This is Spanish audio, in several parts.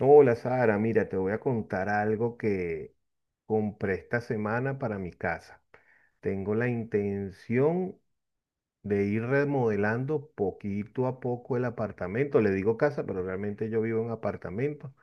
Hola Sara, mira, te voy a contar algo que compré esta semana para mi casa. Tengo la intención de ir remodelando poquito a poco el apartamento. Le digo casa, pero realmente yo vivo en apartamento.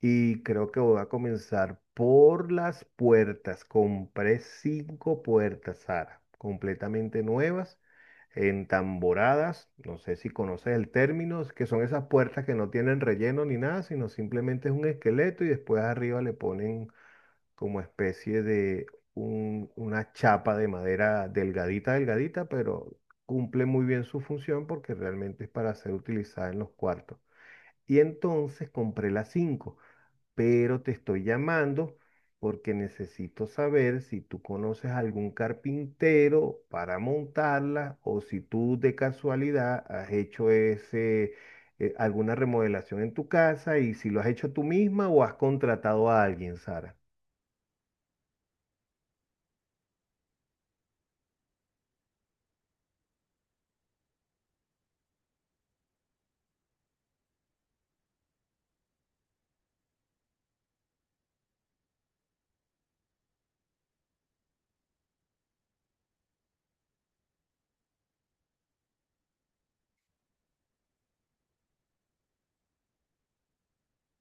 Y creo que voy a comenzar por las puertas. Compré cinco puertas, Sara, completamente nuevas, entamboradas. No sé si conoces el término, que son esas puertas que no tienen relleno ni nada, sino simplemente es un esqueleto y después arriba le ponen como especie de una chapa de madera delgadita, delgadita, pero cumple muy bien su función porque realmente es para ser utilizada en los cuartos. Y entonces compré las cinco, pero te estoy llamando porque necesito saber si tú conoces algún carpintero para montarla o si tú de casualidad has hecho ese, alguna remodelación en tu casa y si lo has hecho tú misma o has contratado a alguien, Sara.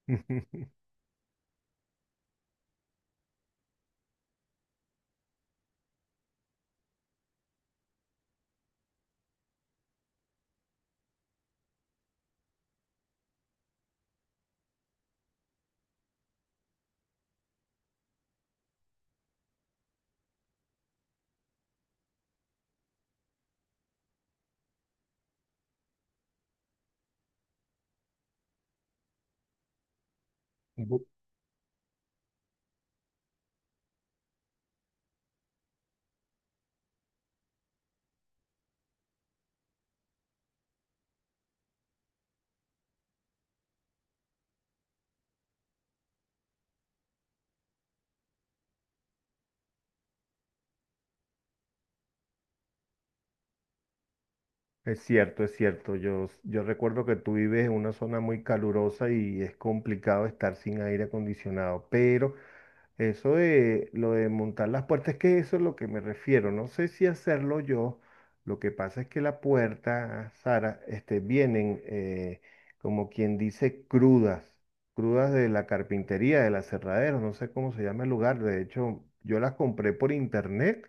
Bu- Es cierto, es cierto. Yo recuerdo que tú vives en una zona muy calurosa y es complicado estar sin aire acondicionado, pero... Eso de lo de montar las puertas, es que eso es lo que me refiero. No sé si hacerlo yo. Lo que pasa es que la puerta, Sara, este, vienen como quien dice crudas, crudas de la carpintería, del aserradero, no sé cómo se llama el lugar. De hecho, yo las compré por internet,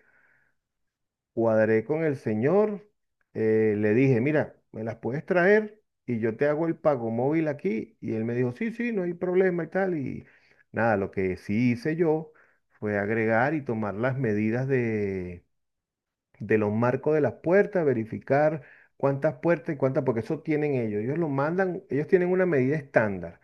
cuadré con el señor, le dije, mira, me las puedes traer y yo te hago el pago móvil aquí. Y él me dijo, sí, sí, no hay problema y tal. Y nada, lo que sí hice yo fue agregar y tomar las medidas de los marcos de las puertas, verificar cuántas puertas y cuántas, porque eso tienen ellos. Ellos lo mandan, ellos tienen una medida estándar.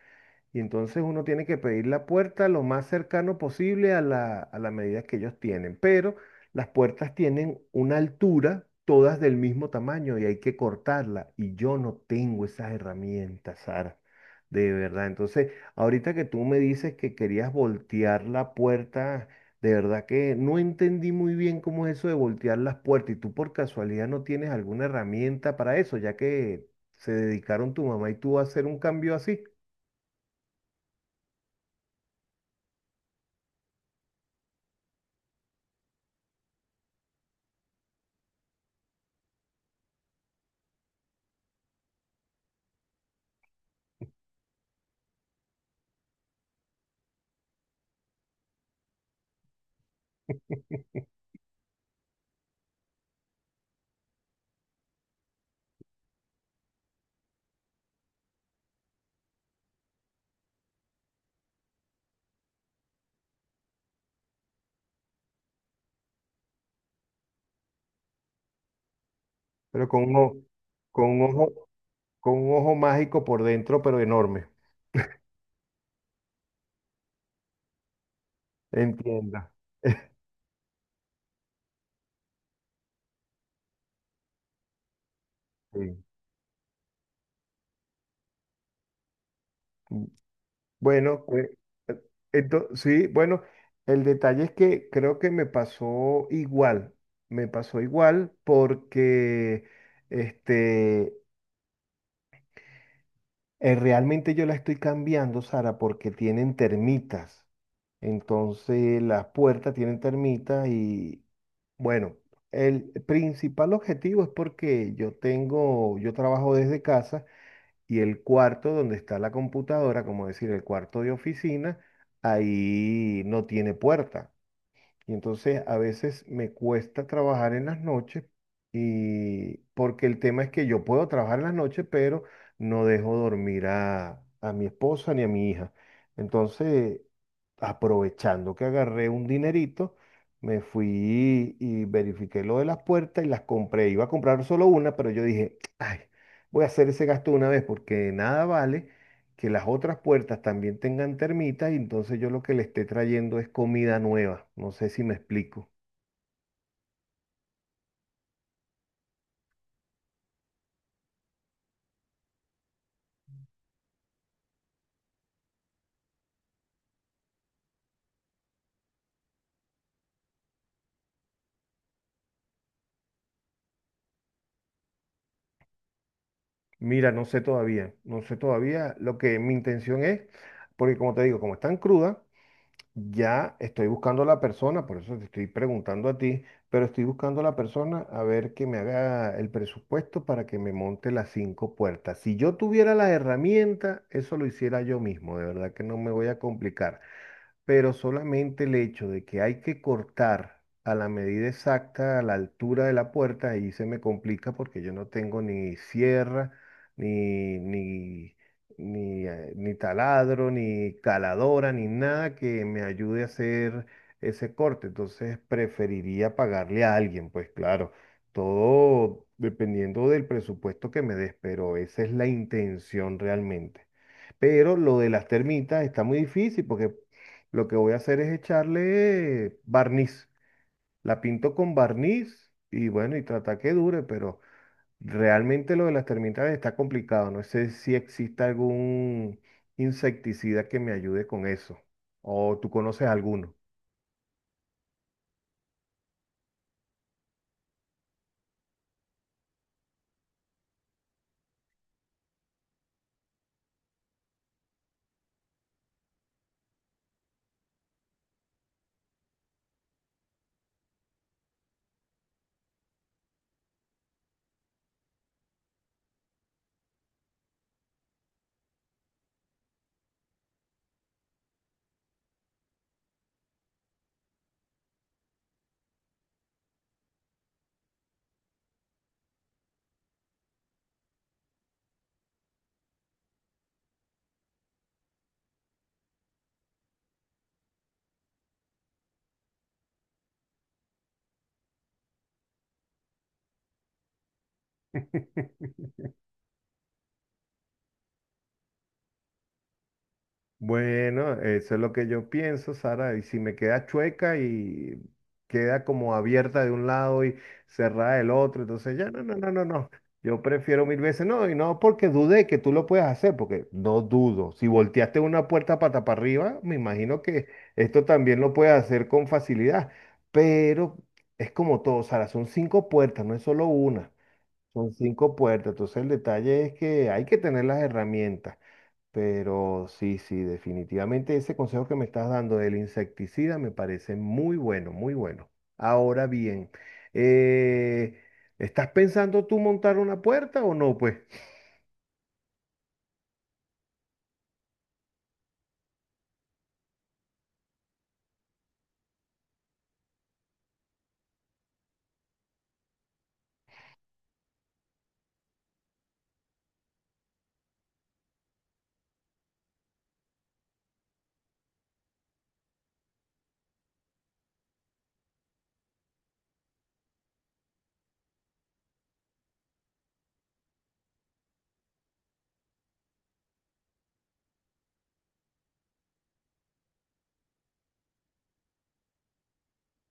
Y entonces uno tiene que pedir la puerta lo más cercano posible a la medida que ellos tienen. Pero las puertas tienen una altura, todas del mismo tamaño y hay que cortarla. Y yo no tengo esas herramientas, Sara. De verdad. Entonces, ahorita que tú me dices que querías voltear la puerta, de verdad que no entendí muy bien cómo es eso de voltear las puertas. Y tú por casualidad no tienes alguna herramienta para eso, ya que se dedicaron tu mamá y tú a hacer un cambio así. Pero con con un ojo, con un ojo mágico por dentro, pero enorme. Entienda. Sí. Bueno, pues, eh, sí, bueno, el detalle es que creo que me pasó igual porque este, eh, realmente yo la estoy cambiando, Sara, porque tienen termitas. Entonces las puertas tienen termitas y bueno, el principal objetivo es porque yo tengo, yo trabajo desde casa y el cuarto donde está la computadora, como decir, el cuarto de oficina, ahí no tiene puerta. Y entonces a veces me cuesta trabajar en las noches y porque el tema es que yo puedo trabajar en las noches, pero no dejo dormir a mi esposa ni a mi hija. Entonces, aprovechando que agarré un dinerito, me fui y verifiqué lo de las puertas y las compré. Iba a comprar solo una, pero yo dije, ay, voy a hacer ese gasto de una vez porque nada vale que las otras puertas también tengan termitas y entonces yo lo que le esté trayendo es comida nueva. No sé si me explico. Mira, no sé todavía, no sé todavía lo que mi intención es, porque como te digo, como están crudas, ya estoy buscando a la persona, por eso te estoy preguntando a ti, pero estoy buscando a la persona a ver que me haga el presupuesto para que me monte las cinco puertas. Si yo tuviera las herramientas, eso lo hiciera yo mismo, de verdad que no me voy a complicar. Pero solamente el hecho de que hay que cortar a la medida exacta, a la altura de la puerta, ahí se me complica porque yo no tengo ni sierra, ni, ni, ni taladro, ni caladora, ni nada que me ayude a hacer ese corte. Entonces preferiría pagarle a alguien, pues claro, todo dependiendo del presupuesto que me des, pero esa es la intención realmente. Pero lo de las termitas está muy difícil porque lo que voy a hacer es echarle barniz. La pinto con barniz y bueno, y trata que dure, pero realmente lo de las termitas está complicado. No sé si existe algún insecticida que me ayude con eso. ¿O tú conoces alguno? Bueno, eso es lo que yo pienso, Sara. Y si me queda chueca y queda como abierta de un lado y cerrada del otro, entonces ya no, no, no, no, no. Yo prefiero mil veces no, y no porque dudé que tú lo puedas hacer, porque no dudo. Si volteaste una puerta pata para arriba, me imagino que esto también lo puedes hacer con facilidad. Pero es como todo, Sara, son cinco puertas, no es solo una, son cinco puertas. Entonces el detalle es que hay que tener las herramientas. Pero sí, sí, definitivamente ese consejo que me estás dando del insecticida me parece muy bueno, muy bueno. Ahora bien, eh, ¿estás pensando tú montar una puerta o no? Pues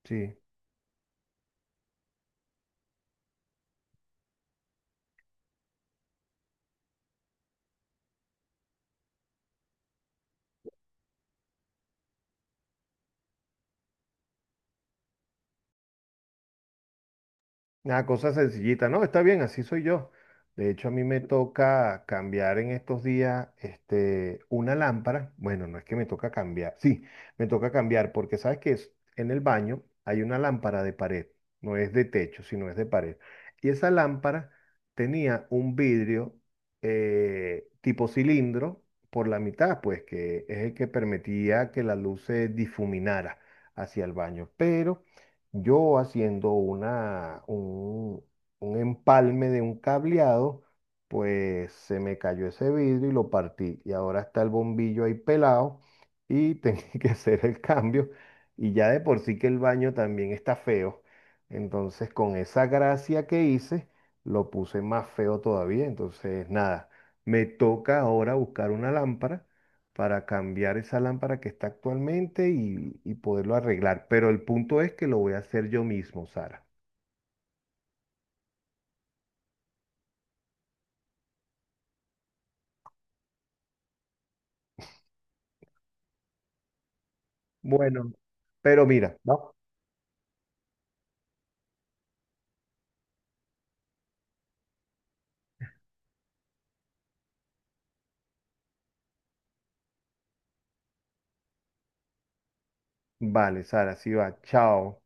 sí. Una cosa sencillita, ¿no? Está bien, así soy yo. De hecho, a mí me toca cambiar en estos días, este, una lámpara. Bueno, no es que me toca cambiar, sí, me toca cambiar porque sabes que en el baño hay una lámpara de pared, no es de techo, sino es de pared. Y esa lámpara tenía un vidrio tipo cilindro por la mitad, pues que es el que permitía que la luz se difuminara hacia el baño. Pero yo haciendo un empalme de un cableado, pues se me cayó ese vidrio y lo partí. Y ahora está el bombillo ahí pelado y tenía que hacer el cambio. Y ya de por sí que el baño también está feo. Entonces, con esa gracia que hice, lo puse más feo todavía. Entonces, nada, me toca ahora buscar una lámpara para cambiar esa lámpara que está actualmente y poderlo arreglar. Pero el punto es que lo voy a hacer yo mismo, Sara. Bueno, pero mira, ¿no? Vale, Sara, sí va. Chao.